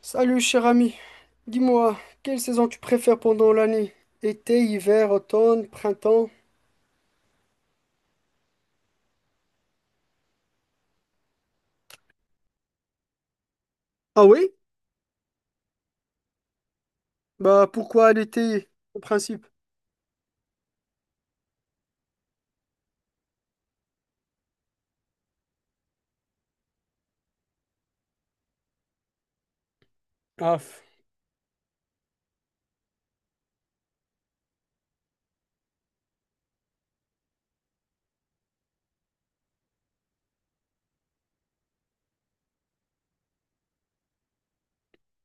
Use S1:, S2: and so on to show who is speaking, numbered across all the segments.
S1: Salut cher ami, dis-moi, quelle saison tu préfères pendant l'année? Été, hiver, automne, printemps? Ah oui? Bah pourquoi l'été, en principe? Ah, f-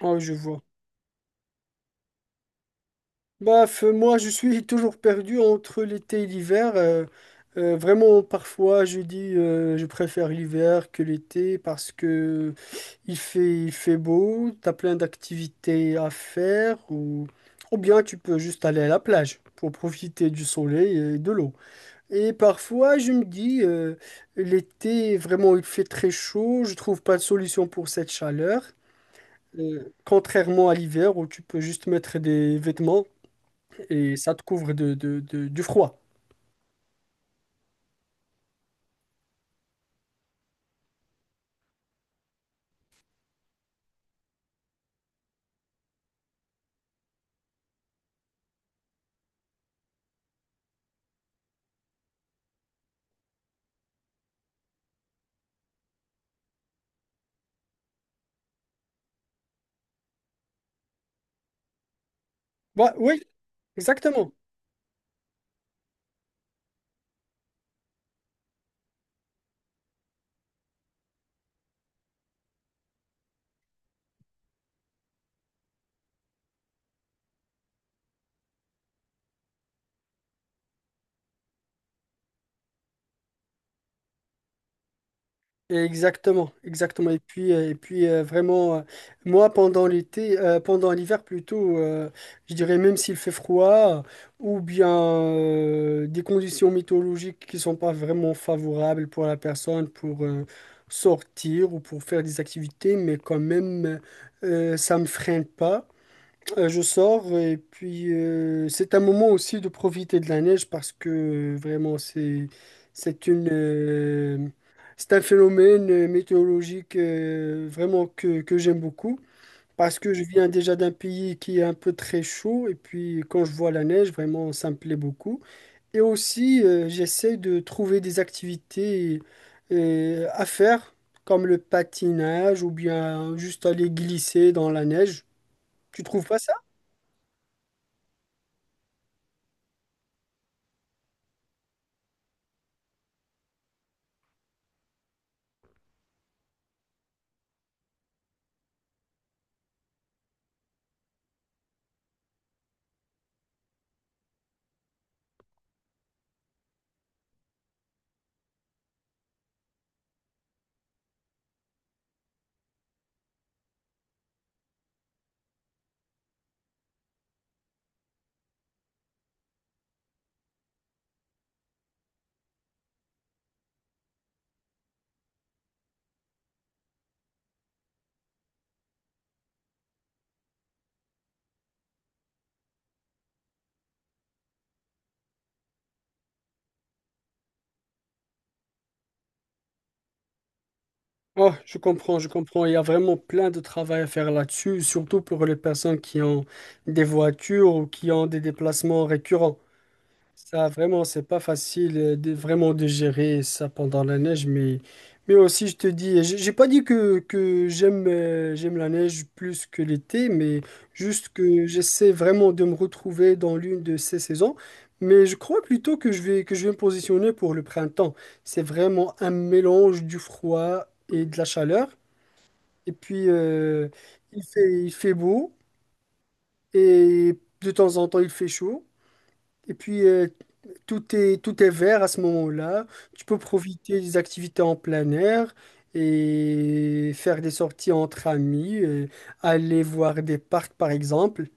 S1: ah, je vois. Moi je suis toujours perdu entre l'été et l'hiver. Vraiment parfois je dis je préfère l'hiver que l'été parce que il fait beau, t'as plein d'activités à faire ou bien tu peux juste aller à la plage pour profiter du soleil et de l'eau. Et parfois, je me dis, l'été, vraiment, il fait très chaud, je trouve pas de solution pour cette chaleur. Contrairement à l'hiver où tu peux juste mettre des vêtements et ça te couvre du froid. Ouais, oui, exactement. Exactement, exactement. Et puis vraiment, moi, pendant l'hiver plutôt, je dirais même s'il fait froid, euh, ou bien des conditions météorologiques qui sont pas vraiment favorables pour la personne pour sortir ou pour faire des activités, mais quand même, ça me freine pas. Je sors et puis c'est un moment aussi de profiter de la neige parce que vraiment c'est une euh, c'est un phénomène météorologique vraiment que j'aime beaucoup parce que je viens déjà d'un pays qui est un peu très chaud et puis quand je vois la neige vraiment ça me plaît beaucoup et aussi j'essaie de trouver des activités à faire comme le patinage ou bien juste aller glisser dans la neige. Tu trouves pas ça? Oh, je comprends, je comprends. Il y a vraiment plein de travail à faire là-dessus, surtout pour les personnes qui ont des voitures ou qui ont des déplacements récurrents. Ça, vraiment, c'est pas facile vraiment de gérer ça pendant la neige, mais aussi, je te dis, j'ai pas dit que j'aime j'aime la neige plus que l'été, mais juste que j'essaie vraiment de me retrouver dans l'une de ces saisons. Mais je crois plutôt que je vais me positionner pour le printemps. C'est vraiment un mélange du froid et de la chaleur. Et puis, il fait beau et de temps en temps, il fait chaud. Et puis, tout est vert à ce moment-là. Tu peux profiter des activités en plein air et faire des sorties entre amis, aller voir des parcs par exemple.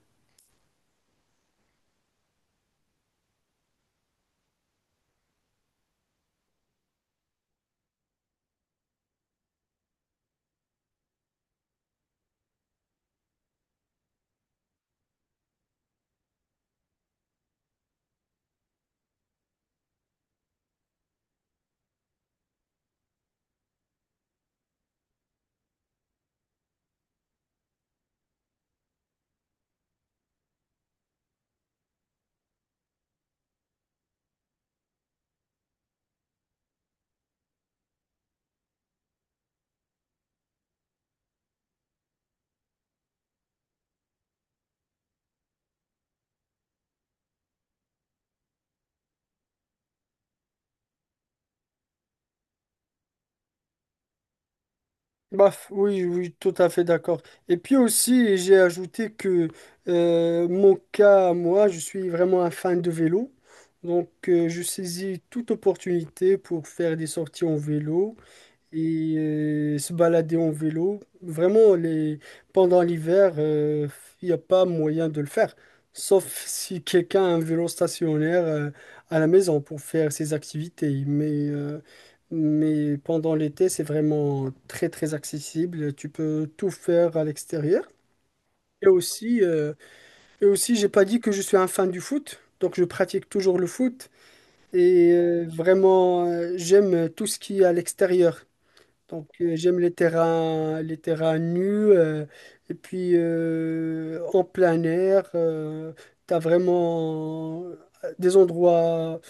S1: Baf, oui, oui, tout à fait d'accord. Et puis aussi, j'ai ajouté que mon cas, moi, je suis vraiment un fan de vélo. Donc, je saisis toute opportunité pour faire des sorties en vélo. Et se balader en vélo. Pendant l'hiver, il n'y a pas moyen de le faire. Sauf si quelqu'un a un vélo stationnaire à la maison pour faire ses activités. Mais mais pendant l'été, c'est vraiment très, très accessible. Tu peux tout faire à l'extérieur. Et aussi, euh, et aussi, j'ai pas dit que je suis un fan du foot. Donc, je pratique toujours le foot. Et vraiment, j'aime tout ce qui est à l'extérieur. Donc, j'aime les terrains nus. euh, et puis en plein air, t'as vraiment des endroits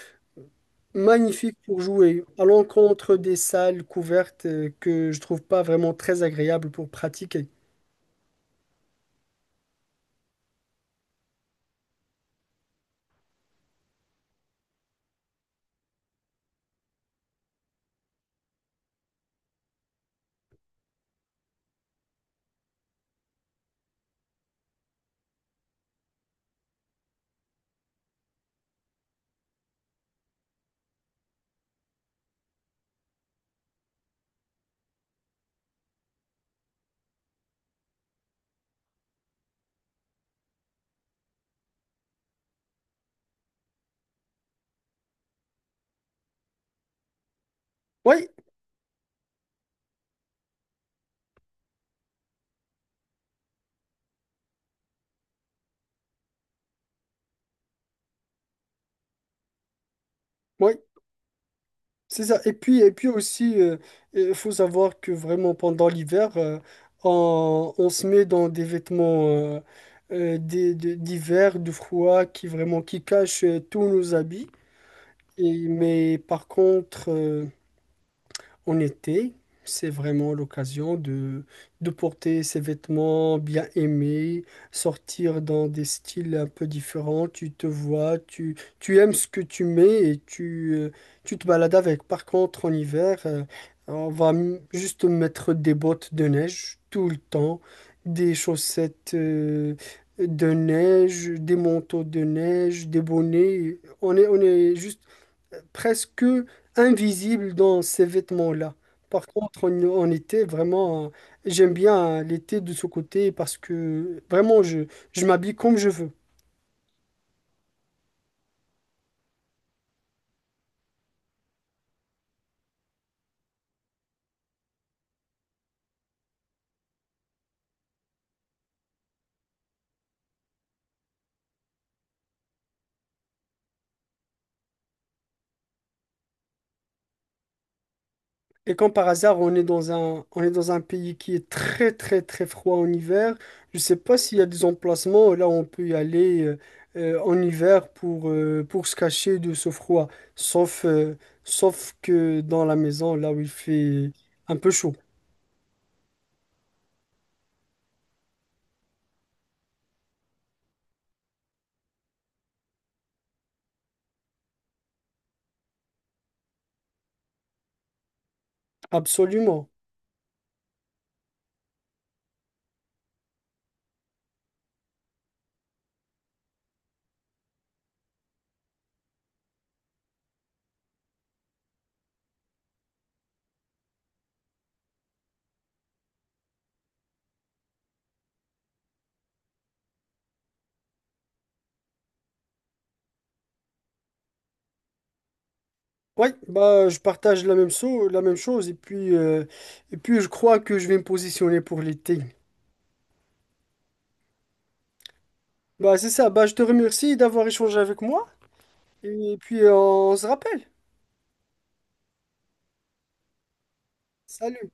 S1: magnifiques pour jouer, à l'encontre des salles couvertes que je trouve pas vraiment très agréables pour pratiquer. Oui, oui. C'est ça. Et puis aussi, il faut savoir que vraiment pendant l'hiver, on se met dans des vêtements d'hiver, de froid, qui vraiment qui cachent tous nos habits. Et, mais par contre, en été, c'est vraiment l'occasion de porter ses vêtements bien aimés, sortir dans des styles un peu différents. Tu aimes ce que tu mets et tu te balades avec. Par contre, en hiver, on va juste mettre des bottes de neige tout le temps, des chaussettes de neige, des manteaux de neige, des bonnets. On est juste presque invisible dans ces vêtements-là. Par contre, en, en été, vraiment, j'aime bien l'été de ce côté parce que vraiment, je m'habille comme je veux. Et quand par hasard, on est dans un pays qui est très, très, très froid en hiver, je ne sais pas s'il y a des emplacements là où on peut y aller en hiver pour se cacher de ce froid. Sauf, euh, Sauf que dans la maison, là où il fait un peu chaud. Absolument. Oui, bah, je partage la même chose et puis je crois que je vais me positionner pour l'été. Bah, c'est ça, bah, je te remercie d'avoir échangé avec moi et puis on se rappelle. Salut.